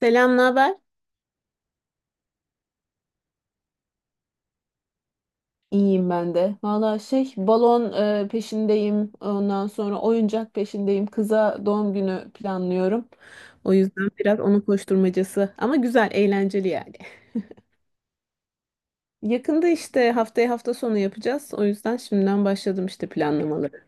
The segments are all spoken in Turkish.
Selam, ne haber? İyiyim ben de. Valla balon peşindeyim. Ondan sonra oyuncak peşindeyim. Kıza doğum günü planlıyorum. O yüzden biraz onun koşturmacası ama güzel, eğlenceli yani. Yakında işte haftaya hafta sonu yapacağız. O yüzden şimdiden başladım işte planlamaları.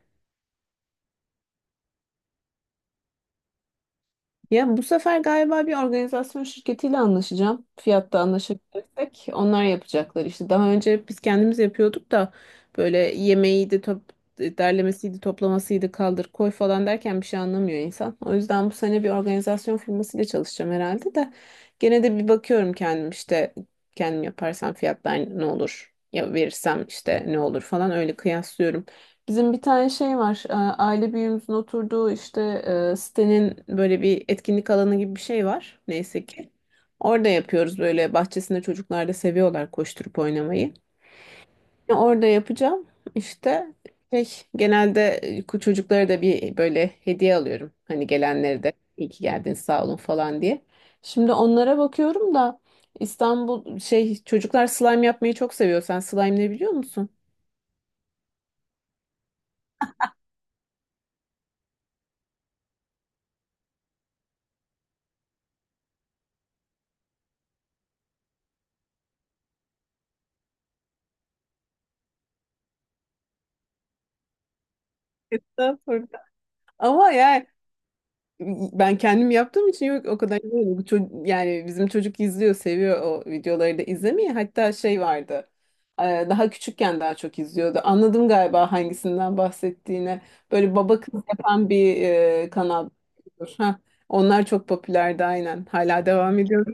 Ya bu sefer galiba bir organizasyon şirketiyle anlaşacağım. Fiyatta anlaşabilirsek onlar yapacaklar. İşte daha önce biz kendimiz yapıyorduk da böyle yemeğiydi, top, derlemesiydi, toplamasıydı, kaldır koy falan derken bir şey anlamıyor insan. O yüzden bu sene bir organizasyon firmasıyla çalışacağım herhalde de gene de bir bakıyorum kendim, işte kendim yaparsam fiyatlar ne olur, ya verirsem işte ne olur falan öyle kıyaslıyorum. Bizim bir tane şey var. Aile büyüğümüzün oturduğu işte sitenin böyle bir etkinlik alanı gibi bir şey var. Neyse ki. Orada yapıyoruz, böyle bahçesinde çocuklar da seviyorlar koşturup oynamayı. Orada yapacağım işte şey, genelde çocuklara da bir böyle hediye alıyorum. Hani gelenlere de iyi ki geldiniz, sağ olun falan diye. Şimdi onlara bakıyorum da İstanbul çocuklar slime yapmayı çok seviyor. Sen slime ne biliyor musun? Estağfurullah. Ama yani ben kendim yaptığım için yok, o kadar izlemedim. Bu çocuk, yani bizim çocuk izliyor, seviyor o videoları da izlemeyi. Hatta şey vardı. Daha küçükken daha çok izliyordu. Anladım galiba hangisinden bahsettiğini. Böyle baba kız yapan bir kanal. Heh, onlar çok popülerdi aynen. Hala devam ediyor.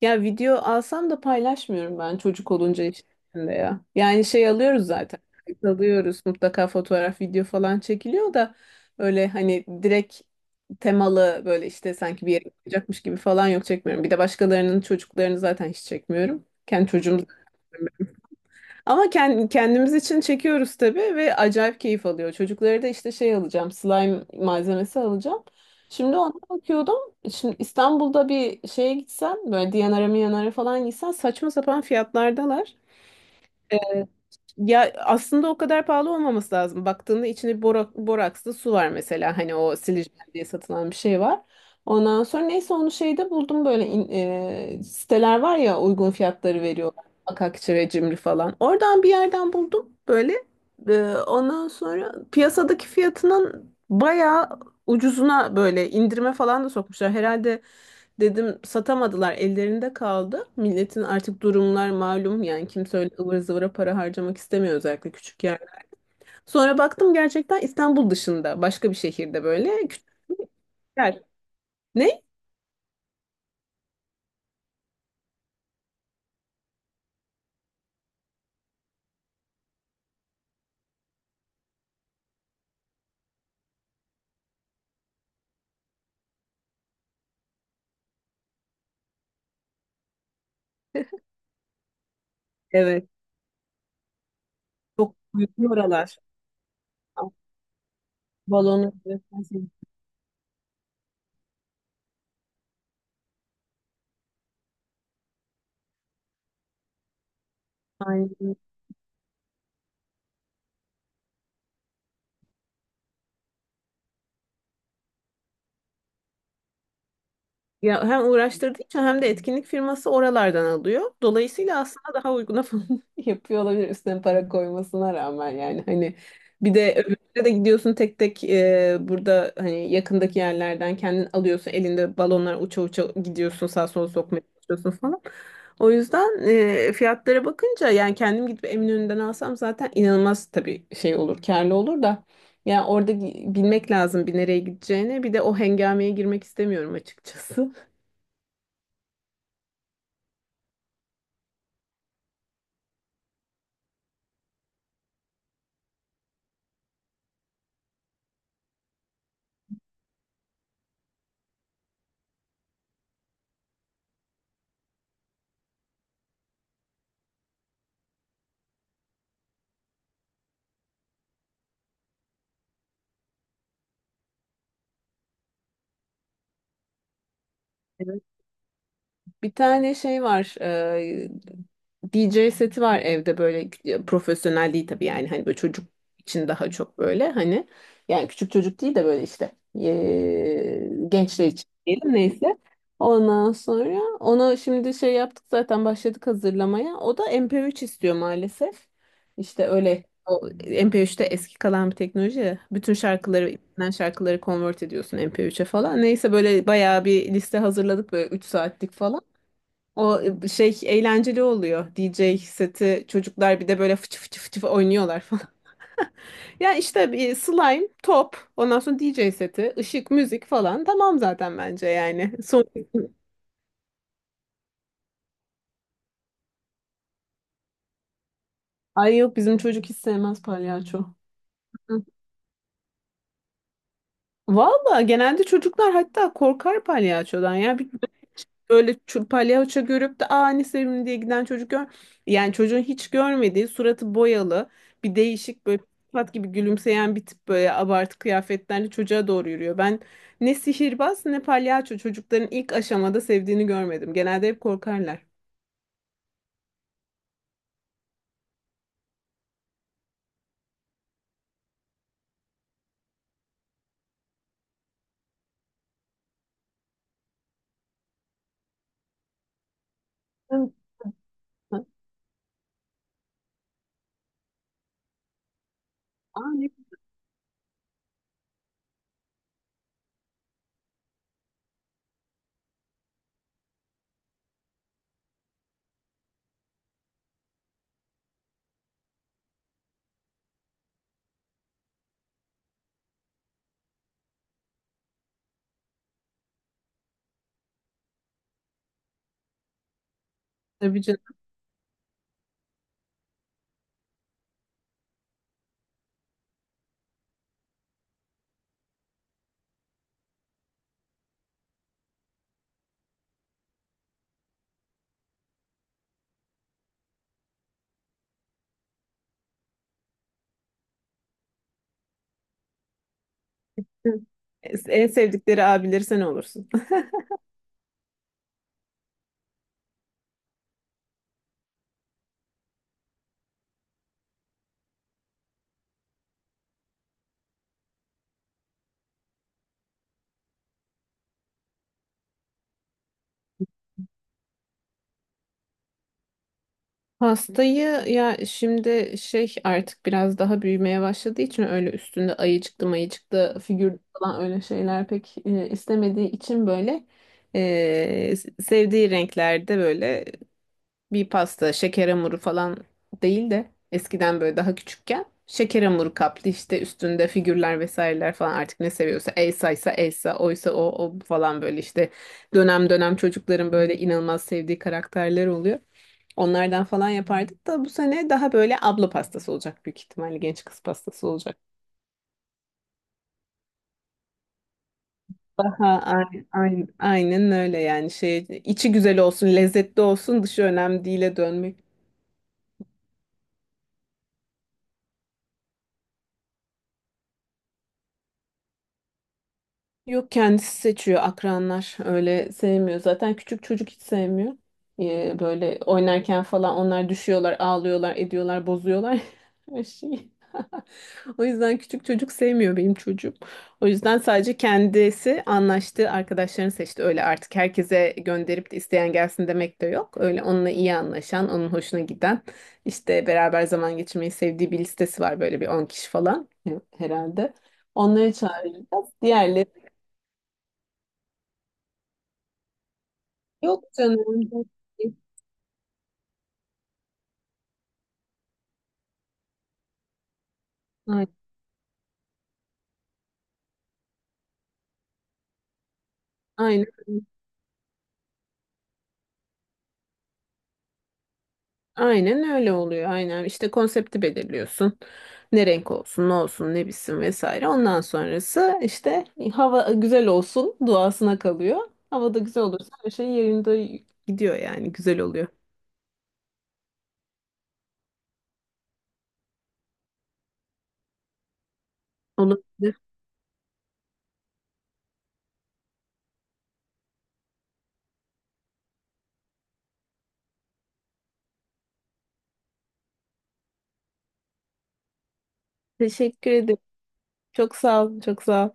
Ya video alsam da paylaşmıyorum, ben çocuk olunca işte ya. Yani alıyoruz zaten. Kayıt alıyoruz mutlaka, fotoğraf, video falan çekiliyor da öyle hani direkt temalı böyle işte sanki bir yere gidecekmiş gibi falan yok, çekmiyorum. Bir de başkalarının çocuklarını zaten hiç çekmiyorum. Kendi çocuğum. Ama kendimiz için çekiyoruz tabii, ve acayip keyif alıyor. Çocuklara da işte şey alacağım, slime malzemesi alacağım. Şimdi ona bakıyordum. Şimdi İstanbul'da bir şeye gitsen, böyle Diyanara Miyanara falan gitsen saçma sapan fiyatlardalar. Ee, ya aslında o kadar pahalı olmaması lazım. Baktığında içinde borak, borakslı su var mesela. Hani o silicon diye satılan bir şey var. Ondan sonra neyse onu şeyde buldum, böyle siteler var ya, uygun fiyatları veriyorlar. Akakçe ve Cimri falan. Oradan bir yerden buldum böyle. Ondan sonra piyasadaki fiyatının bayağı ucuzuna, böyle indirime falan da sokmuşlar. Herhalde dedim, satamadılar ellerinde kaldı. Milletin artık durumlar malum yani, kimse öyle ıvır zıvıra para harcamak istemiyor, özellikle küçük yer. Sonra baktım gerçekten İstanbul dışında başka bir şehirde böyle küçük yer. Ne? Evet. Çok büyük oralar. Balonu. Aynen. Ya hem uğraştırdığı için hem de etkinlik firması oralardan alıyor. Dolayısıyla aslında daha uyguna falan yapıyor olabilir üstüne para koymasına rağmen yani hani, bir de öbürüne de gidiyorsun tek tek, burada hani yakındaki yerlerden kendin alıyorsun, elinde balonlar uça uça gidiyorsun, sağa sola sokmaya çalışıyorsun falan. O yüzden fiyatlara bakınca, yani kendim gidip Eminönü'nden alsam zaten inanılmaz tabii, şey olur, karlı olur da yani orada bilmek lazım bir nereye gideceğini, bir de o hengameye girmek istemiyorum açıkçası. Evet. Bir tane şey var. DJ seti var evde, böyle profesyonel değil tabii, yani hani böyle çocuk için daha çok, böyle hani yani küçük çocuk değil de böyle işte gençler için diyelim, neyse. Ondan sonra onu şimdi şey yaptık zaten, başladık hazırlamaya. O da MP3 istiyor maalesef. İşte öyle, o MP3'te eski kalan bir teknoloji ya. Bütün şarkıları, bilinen şarkıları convert ediyorsun MP3'e falan. Neyse böyle bayağı bir liste hazırladık, böyle 3 saatlik falan. O eğlenceli oluyor. DJ seti, çocuklar bir de böyle fıçı fıçı fıçı oynuyorlar falan. Ya işte bir slime, top, ondan sonra DJ seti, ışık, müzik falan. Tamam zaten bence yani. Son... Ay yok, bizim çocuk hiç sevmez palyaço. Hı. Valla genelde çocuklar hatta korkar palyaçodan ya. Böyle palyaço görüp de aa ne sevimli diye giden çocuk gör. Yani çocuğun hiç görmediği, suratı boyalı bir değişik böyle, pat gibi gülümseyen bir tip, böyle abartı kıyafetlerle çocuğa doğru yürüyor. Ben ne sihirbaz ne palyaço çocukların ilk aşamada sevdiğini görmedim. Genelde hep korkarlar. Evet. Aa, güzel. Tabii canım. En sevdikleri abileri sen olursun. Pastayı ya, şimdi artık biraz daha büyümeye başladığı için öyle üstünde ayıcıklı mayıcıklı figür falan, öyle şeyler pek istemediği için böyle e, sevdiği renklerde böyle bir pasta, şeker hamuru falan değil de, eskiden böyle daha küçükken şeker hamuru kaplı, işte üstünde figürler vesaireler falan, artık ne seviyorsa, Elsa'ysa Elsa, oysa o, o falan böyle işte dönem dönem çocukların böyle inanılmaz sevdiği karakterler oluyor. Onlardan falan yapardık da bu sene daha böyle abla pastası olacak, büyük ihtimalle genç kız pastası olacak. Daha aynen, aynen, öyle yani şey içi güzel olsun, lezzetli olsun, dışı önemli değil'e dönmek. Yok, kendisi seçiyor akranlar. Öyle sevmiyor. Zaten küçük çocuk hiç sevmiyor. Böyle oynarken falan onlar düşüyorlar, ağlıyorlar, ediyorlar, bozuyorlar her şeyi. O yüzden küçük çocuk sevmiyor benim çocuğum. O yüzden sadece kendisi anlaştığı arkadaşlarını seçti. Öyle artık herkese gönderip de isteyen gelsin demek de yok. Öyle onunla iyi anlaşan, onun hoşuna giden, işte beraber zaman geçirmeyi sevdiği bir listesi var, böyle bir 10 kişi falan herhalde. Onları çağıracağız. Diğerleri. Yok canım, çok iyi. Aynen. Aynen. Aynen öyle oluyor. Aynen. İşte konsepti belirliyorsun. Ne renk olsun, ne olsun, ne bitsin vesaire. Ondan sonrası işte hava güzel olsun duasına kalıyor. Hava da güzel olursa her şey yerinde gidiyor yani. Güzel oluyor. Olabilir. Teşekkür ederim. Çok sağ ol. Çok sağ ol.